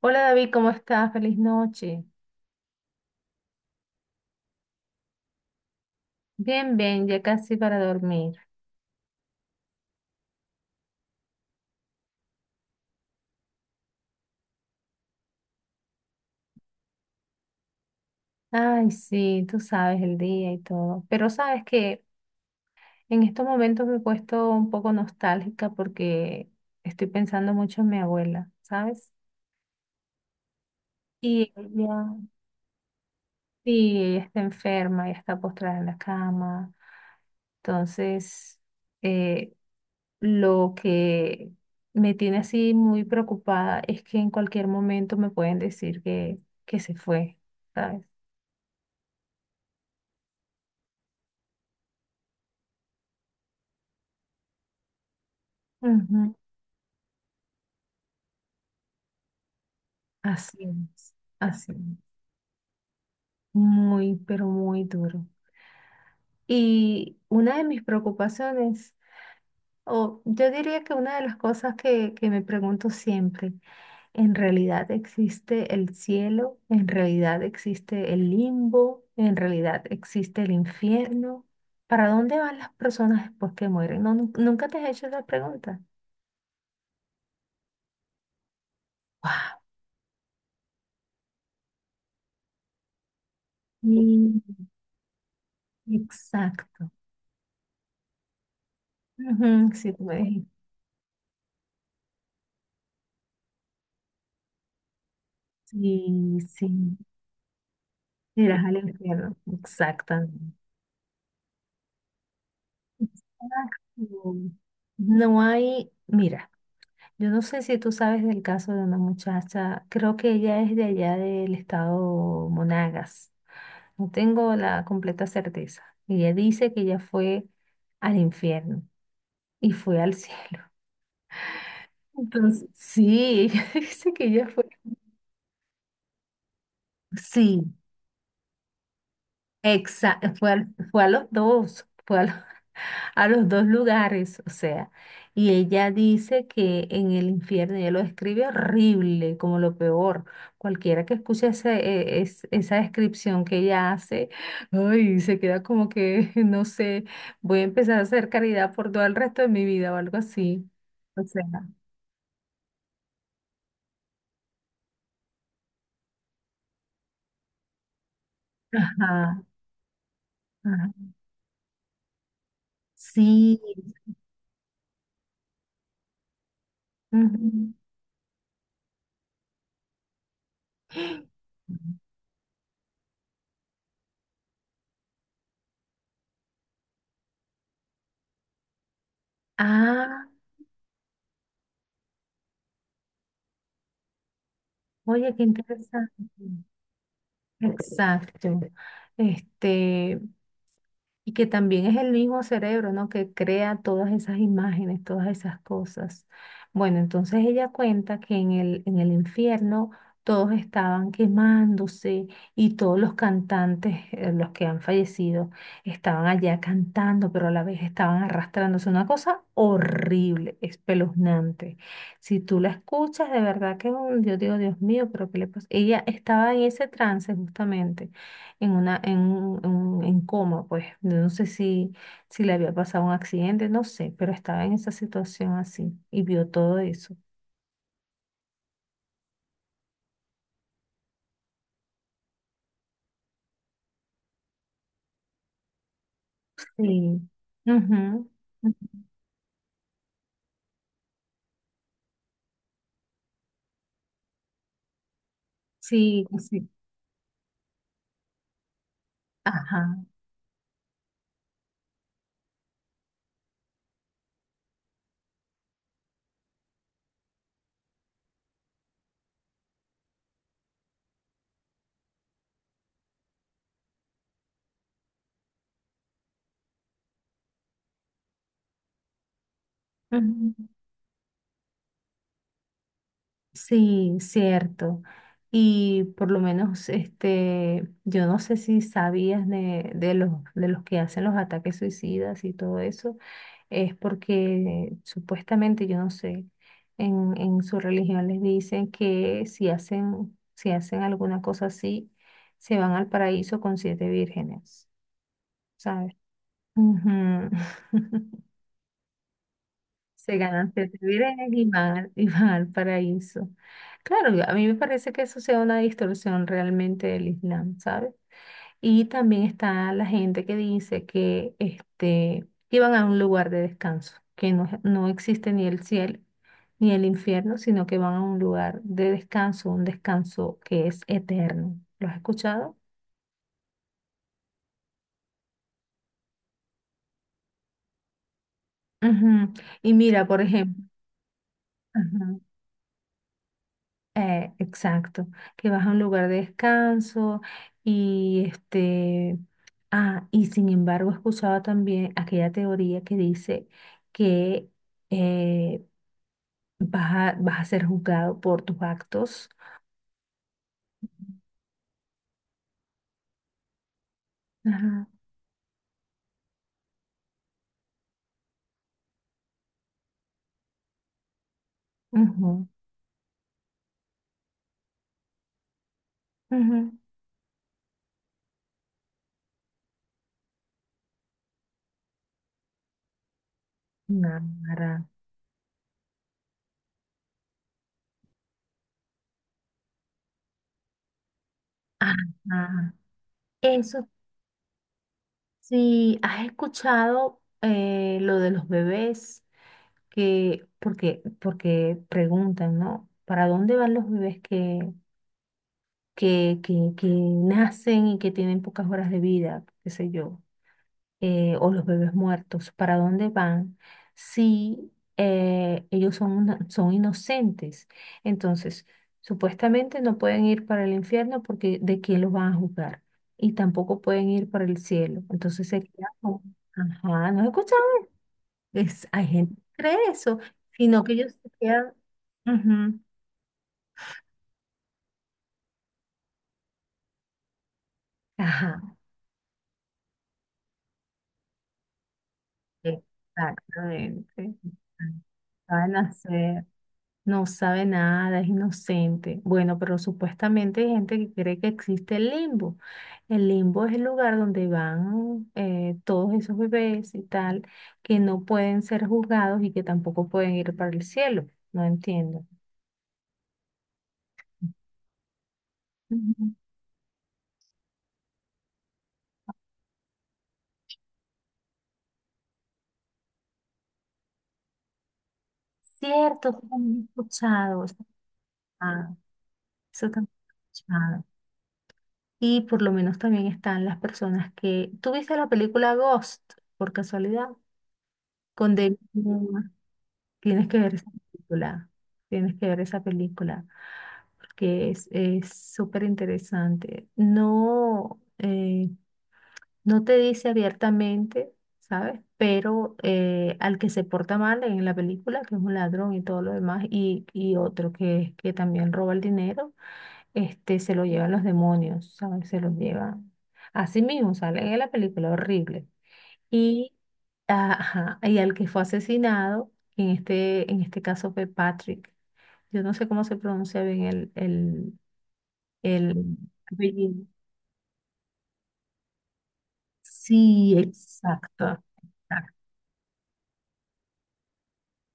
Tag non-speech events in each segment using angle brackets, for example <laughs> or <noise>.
Hola David, ¿cómo estás? Feliz noche. Bien, bien, ya casi para dormir. Ay, sí, tú sabes el día y todo. Pero sabes que en estos momentos me he puesto un poco nostálgica porque estoy pensando mucho en mi abuela, ¿sabes? Y ella, sí, ella está enferma, ella está postrada en la cama. Entonces, eh, lo que me tiene así muy preocupada es que en cualquier momento me pueden decir que se fue, ¿sabes? Ujú. Así es, así es. Muy, pero muy duro. Y una de mis preocupaciones, o yo diría que una de las cosas que me pregunto siempre, en realidad existe el cielo, en realidad existe el limbo, en realidad existe el infierno. ¿Para dónde van las personas después que mueren? No, nunca te has hecho esa pregunta. Wow, exacto. Ujú, sí, tú me dijiste. Sí, sí. Irás al infierno. Exactamente. Exacto. No hay, mira. Yo no sé si tú sabes del caso de una muchacha, creo que ella es de allá del estado Monagas, no tengo la completa certeza. Ella dice que ella fue al infierno y fue al <laughs> cielo. Entonces, sí, <laughs> ella dice que ella fue, sí, exacto, fue a los dos, fue a los dos lugares, o sea, y ella dice que en el infierno, ella lo describe horrible, como lo peor. Cualquiera que escuche esa descripción que ella hace, ay, se queda como que, <laughs> no sé, voy a empezar a hacer caridad por todo el resto de mi vida o algo así. O sea, ajá, ajá. Sí. Ujú. Ah, oye, qué interesante. Exacto. Este, y que también es el mismo cerebro, ¿no? Que crea todas esas imágenes, todas esas cosas. Bueno, entonces ella cuenta que en el infierno todos estaban quemándose y todos los cantantes, los que han fallecido, estaban allá cantando, pero a la vez estaban arrastrándose. Una cosa horrible, espeluznante. Si tú la escuchas, de verdad que yo digo, Dios mío, pero ¿qué le pasa? Ella estaba en ese trance justamente en una, en, un- en, un- en coma, pues. No sé si, si le había pasado un accidente, no sé, pero estaba en esa situación así y vio todo eso. Sí. Ujú. Sí, pues sí. Ajá. Ujú. Sí, cierto. Y por lo menos, este, yo no sé si sabías de los que hacen los ataques suicidas y todo eso. Es porque supuestamente, yo no sé, en su religión les dicen que si hacen, si hacen alguna cosa así, se van al paraíso con siete vírgenes, ¿sabes? Ujú. <laughs> Se ganan siete vírgenes y y van al paraíso. Claro, a mí me parece que eso sea una distorsión realmente del Islam, ¿sabes? Y también está la gente que dice que este, iban a un lugar de descanso, que no, no existe ni el cielo ni el infierno, sino que van a un lugar de descanso, un descanso que es eterno. ¿Lo has escuchado? Ujú. Y mira, por ejemplo, ajá, exacto, que vas a un lugar de descanso y este, ah, y sin embargo he escuchado también aquella teoría que dice que eh, vas vas a ser juzgado por tus actos. Ajá, ujú, ujú. Nara. Ajá. Eso sí, has escuchado lo de los bebés que, porque, porque preguntan, ¿no? ¿Para dónde van los bebés que nacen y que tienen pocas horas de vida? ¿Qué sé yo? O los bebés muertos, ¿para dónde van si ellos son, son inocentes? Entonces, supuestamente no pueden ir para el infierno porque ¿de quién los van a juzgar? Y tampoco pueden ir para el cielo. Entonces sería como, ajá, ¿no has escuchado? Es, hay gente que cree eso, sino que ellos se quedan, ujú, ajá, exactamente. Van a hacer. No sabe nada, es inocente. Bueno, pero supuestamente hay gente que cree que existe el limbo. El limbo es el lugar donde van todos esos bebés y tal, que no pueden ser juzgados y que tampoco pueden ir para el cielo. No entiendo. Ujú. Cierto, eso también he escuchado. Eso, ah, eso también he escuchado. Y por lo menos también están las personas que... ¿Tú viste la película Ghost, por casualidad? Con David, tienes que ver esa película, tienes que ver esa película, porque es súper interesante. No, no te dice abiertamente, ¿sabes? Pero al que se porta mal en la película, que es un ladrón y todo lo demás, y otro que también roba el dinero, este, se lo llevan los demonios, ¿sabes? Se los llevan. Así mismo sale en la película, horrible y, ah, ajá, y al que fue asesinado, en este caso fue Patrick. Yo no sé cómo se pronuncia bien el apellido. Sí, exacto. Exacto.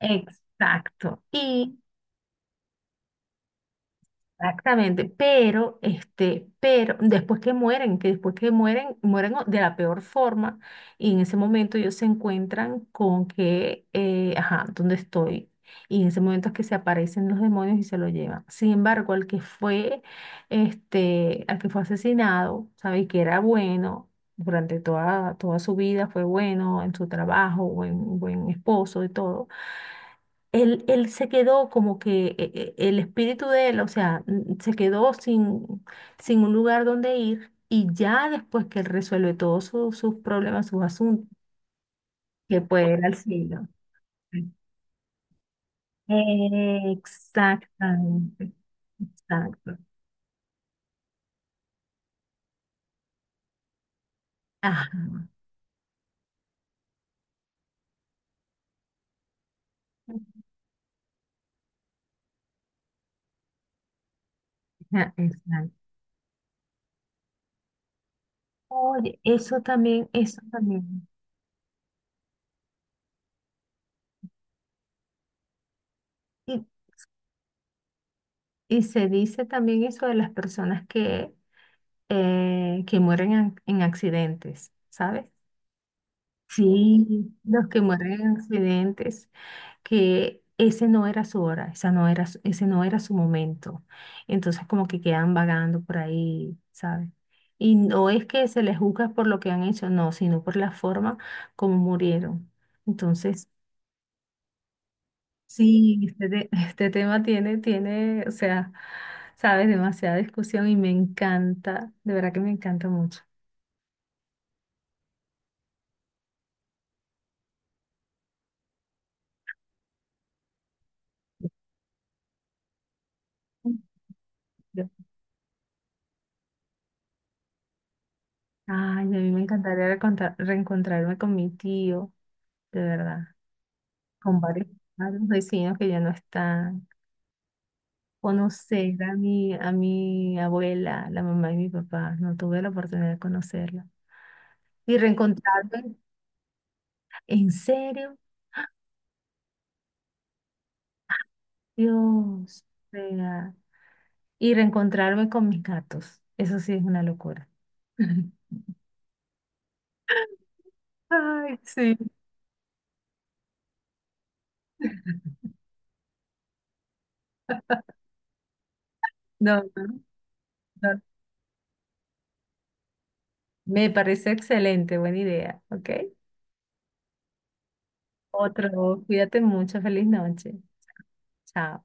Exacto. Y exactamente, pero este, pero después que mueren, que después que mueren, de la peor forma, y en ese momento ellos se encuentran con que, ajá, ¿dónde estoy? Y en ese momento es que se aparecen los demonios y se lo llevan. Sin embargo, al que fue, este, al que fue asesinado, ¿sabes? Que era bueno durante toda, toda su vida, fue bueno en su trabajo, buen, buen esposo y todo él, él se quedó como que el espíritu de él, o sea, se quedó sin, sin un lugar donde ir y ya después que él resuelve todos sus problemas, sus asuntos, que puede ir al cielo. Exactamente, exacto. Ajá, ajá, exacto. Oye, eso también, eso también. Y, y se dice también eso de las personas que mueren en accidentes, ¿sabes? Sí, los que mueren en accidentes, que ese no era su hora, esa no era, ese no era su momento. Entonces como que quedan vagando por ahí, ¿sabes? Y no es que se les juzga por lo que han hecho, no, sino por la forma como murieron. Entonces, sí, este, <laughs> este tema tiene, tiene, o sea, sabes, demasiada discusión y me encanta, de verdad que me encanta mucho. Yo- ay, a mí me encantaría reencontrarme con mi tío de verdad, con varios, varios vecinos que ya no están. Conocer a mi abuela, la mamá de mi papá, no tuve la oportunidad de conocerla. Y reencontrarme, en serio, Dios, vea. Y reencontrarme con mis gatos, eso sí es una locura. <laughs> Ay, sí, no, no, no. Me parece excelente, buena idea, ¿ok? Otro, cuídate mucho, feliz noche. Chao.